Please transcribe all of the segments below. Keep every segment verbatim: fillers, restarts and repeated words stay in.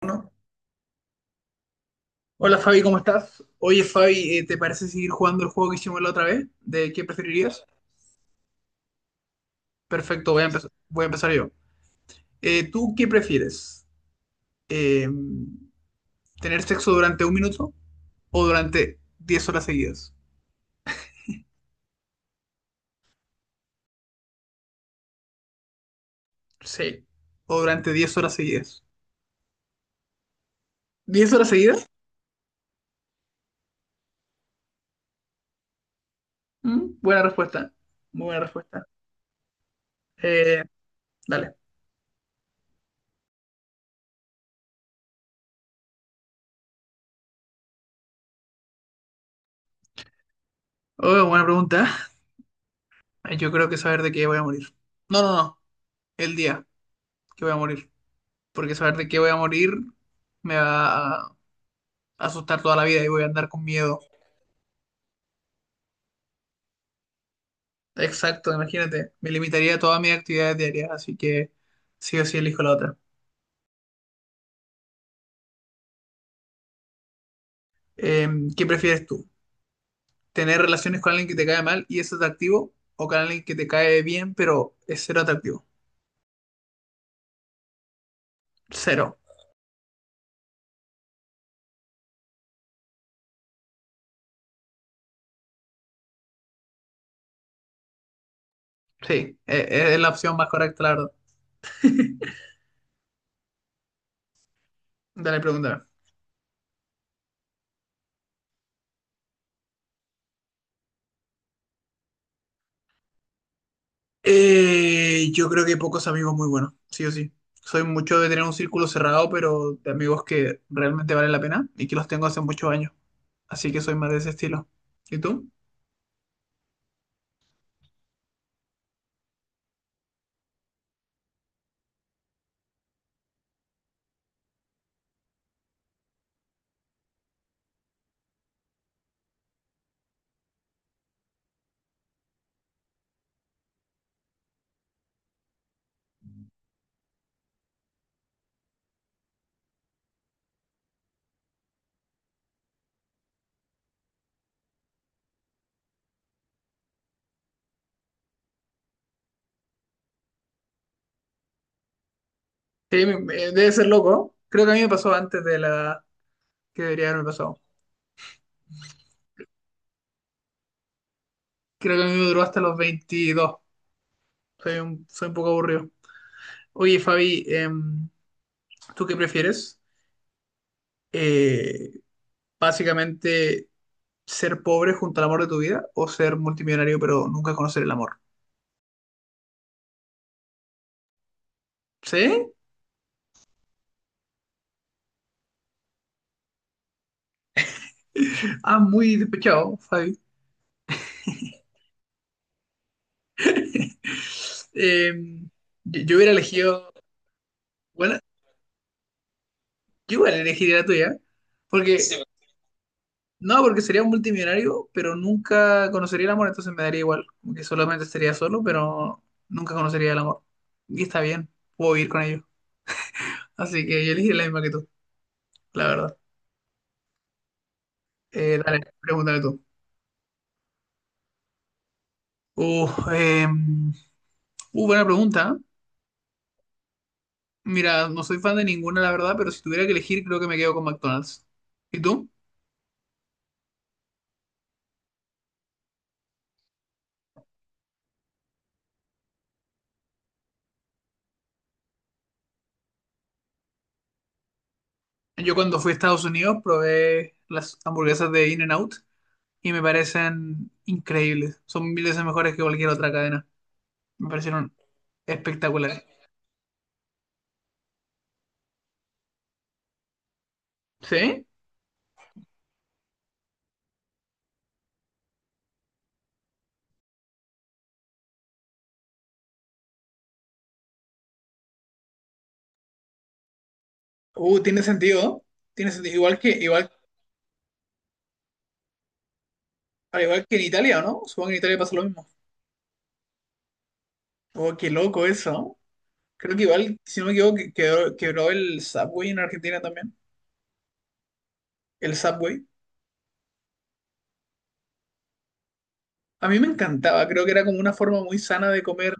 Bueno, hola Fabi, ¿cómo estás? Oye Fabi, eh, ¿te parece seguir jugando el juego que hicimos la otra vez? ¿De qué preferirías? Perfecto, voy a empezar, voy a empezar yo. Eh, ¿tú qué prefieres? Eh, ¿tener sexo durante un minuto o durante diez horas seguidas? Sí. ¿O durante diez horas seguidas? ¿Diez horas seguidas? Mm, buena respuesta, muy buena respuesta. Eh, dale. Oh, buena pregunta. Ay, yo creo que saber de qué voy a morir. No, no, no, el día que voy a morir, porque saber de qué voy a morir me va a asustar toda la vida y voy a andar con miedo. Exacto, imagínate, me limitaría a todas mis actividades diarias, así que sí o sí elijo la otra. Eh, ¿qué prefieres tú? ¿Tener relaciones con alguien que te cae mal y es atractivo o con alguien que te cae bien pero es cero atractivo? Cero. Sí, e- e- es la opción más correcta, la verdad. Dale, pregúntame. Eh, yo creo que pocos amigos muy buenos, sí o sí. Soy mucho de tener un círculo cerrado, pero de amigos que realmente valen la pena y que los tengo hace muchos años. Así que soy más de ese estilo. ¿Y tú? Sí, me- me- debe ser loco, ¿no? Creo que a mí me pasó antes de la edad que debería haberme pasado. Creo que a mí me duró hasta los veintidós. Soy un, soy un poco aburrido. Oye, Fabi, em, ¿tú qué prefieres? Eh, básicamente, ¿ser pobre junto al amor de tu vida o ser multimillonario pero nunca conocer el amor? ¿Sí? Ah, muy despechado, Fabi. Eh, yo, yo hubiera elegido, bueno, yo igual elegiría la tuya, porque, sí, no, porque sería un multimillonario, pero nunca conocería el amor, entonces me daría igual, como que solamente estaría solo, pero nunca conocería el amor. Y está bien, puedo vivir con ellos. Así que yo elegiría la misma que tú, la verdad. Eh, dale, pregúntame tú. Uh, eh, uh, buena pregunta. Mira, no soy fan de ninguna, la verdad, pero si tuviera que elegir, creo que me quedo con McDonald's. ¿Y tú? Yo cuando fui a Estados Unidos probé las hamburguesas de In-N-Out y me parecen increíbles. Son mil veces mejores que cualquier otra cadena. Me parecieron espectaculares. ¿Sí? Uh, tiene sentido. Tiene sentido. Igual que, igual, al igual que en Italia, ¿no? Supongo que en Italia pasa lo mismo. Oh, qué loco eso, ¿no? Creo que igual, si no me equivoco, que- quebró, quebró el Subway en Argentina también. El Subway. A mí me encantaba. Creo que era como una forma muy sana de comer.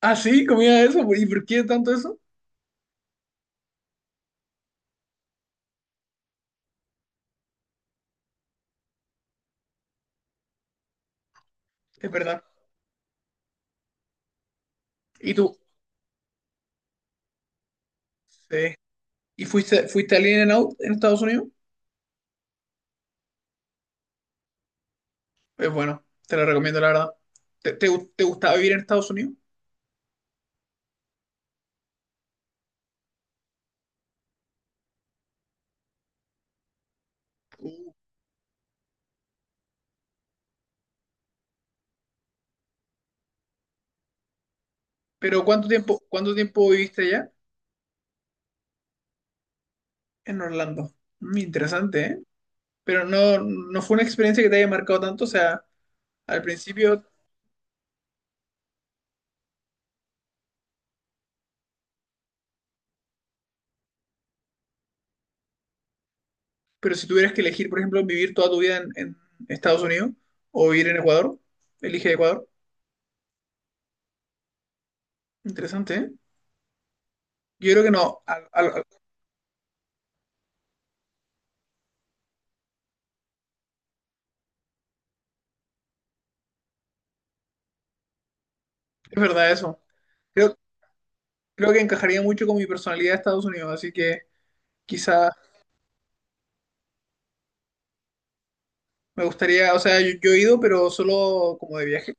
Ah, sí, comía eso. ¿Y por qué tanto eso? Es verdad. ¿Y tú? Sí. ¿Y fuiste, fuiste al In-N-Out en Estados Unidos? Es bueno, te lo recomiendo, la verdad. ¿Te, te, gu- te gustaba vivir en Estados Unidos? Uh. Pero ¿cuánto tiempo, cuánto tiempo viviste allá? En Orlando. Mm, interesante, ¿eh? Pero no, no fue una experiencia que te haya marcado tanto, o sea, al principio, pero si tuvieras que elegir, por ejemplo, vivir toda tu vida en, en Estados Unidos o vivir en Ecuador, elige Ecuador. Interesante, ¿eh? Yo creo que no, al- al- al- es verdad eso. Creo, creo que encajaría mucho con mi personalidad de Estados Unidos, así que quizás me gustaría, o sea, yo, yo he ido, pero solo como de viaje.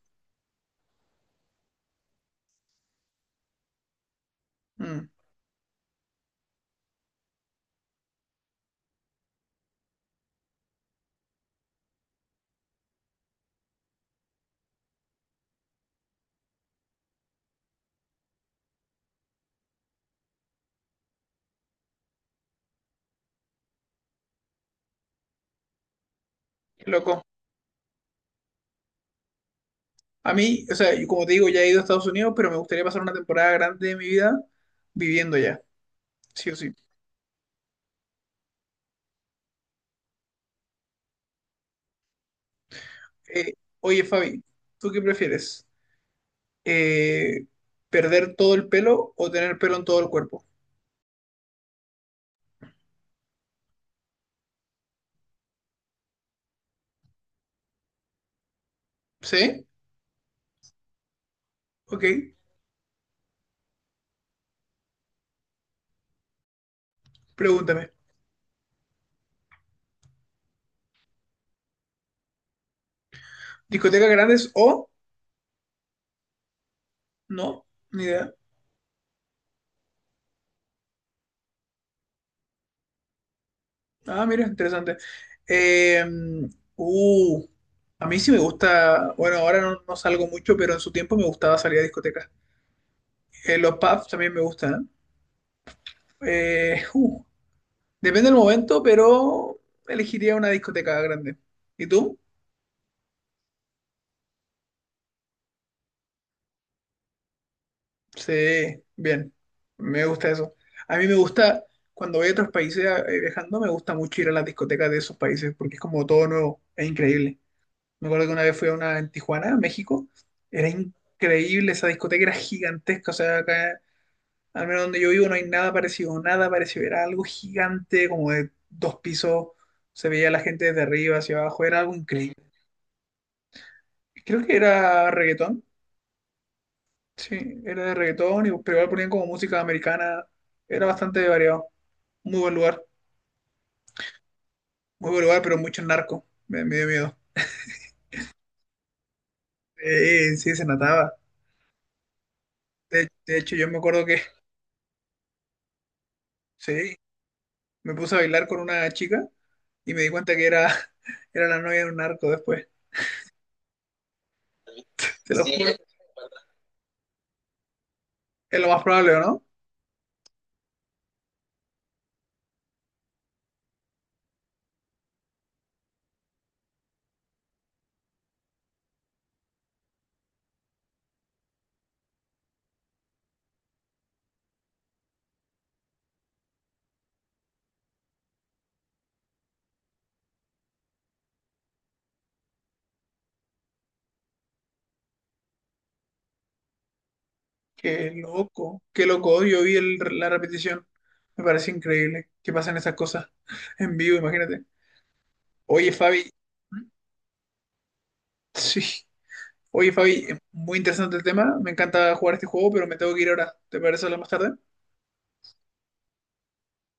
Mm, qué loco. A mí, o sea, yo como te digo, ya he ido a Estados Unidos, pero me gustaría pasar una temporada grande de mi vida viviendo allá, sí o sí. Eh, oye, Fabi, ¿tú qué prefieres? Eh, ¿perder todo el pelo o tener pelo en todo el cuerpo? ¿Sí? Ok, pregúntame. ¿Discotecas grandes o no? Ni idea. Ah, mira, interesante. Eh, uh, a mí sí me gusta, bueno, ahora no, no salgo mucho, pero en su tiempo me gustaba salir a discotecas. Eh, los pubs también me gustan. Eh, Eh, uh, depende del momento, pero elegiría una discoteca grande. ¿Y tú? Sí, bien, me gusta eso. A mí me gusta, cuando voy a otros países eh, viajando, me gusta mucho ir a las discotecas de esos países, porque es como todo nuevo, es increíble. Me acuerdo que una vez fui a una en Tijuana, México. Era increíble, esa discoteca era gigantesca. O sea, acá, al menos donde yo vivo, no hay nada parecido, nada parecido. Era algo gigante, como de dos pisos. Se veía la gente desde arriba hacia abajo. Era algo increíble. Creo que era reggaetón. Sí, era de reggaetón, y, pero igual ponían como música americana. Era bastante variado. Muy buen lugar. Muy buen lugar, pero mucho narco. Me, me dio miedo. Eh, sí, se notaba. De, de hecho, yo me acuerdo que, sí, me puse a bailar con una chica y me di cuenta que era, era la novia de un narco después. Te lo juro. Sí, es lo más probable, ¿o no? Qué loco, qué loco. Yo vi el- la repetición. Me parece increíble que pasen esas cosas en vivo, imagínate. Oye, Fabi, sí. Oye, Fabi, muy interesante el tema. Me encanta jugar este juego, pero me tengo que ir ahora. ¿Te parece hablar más tarde?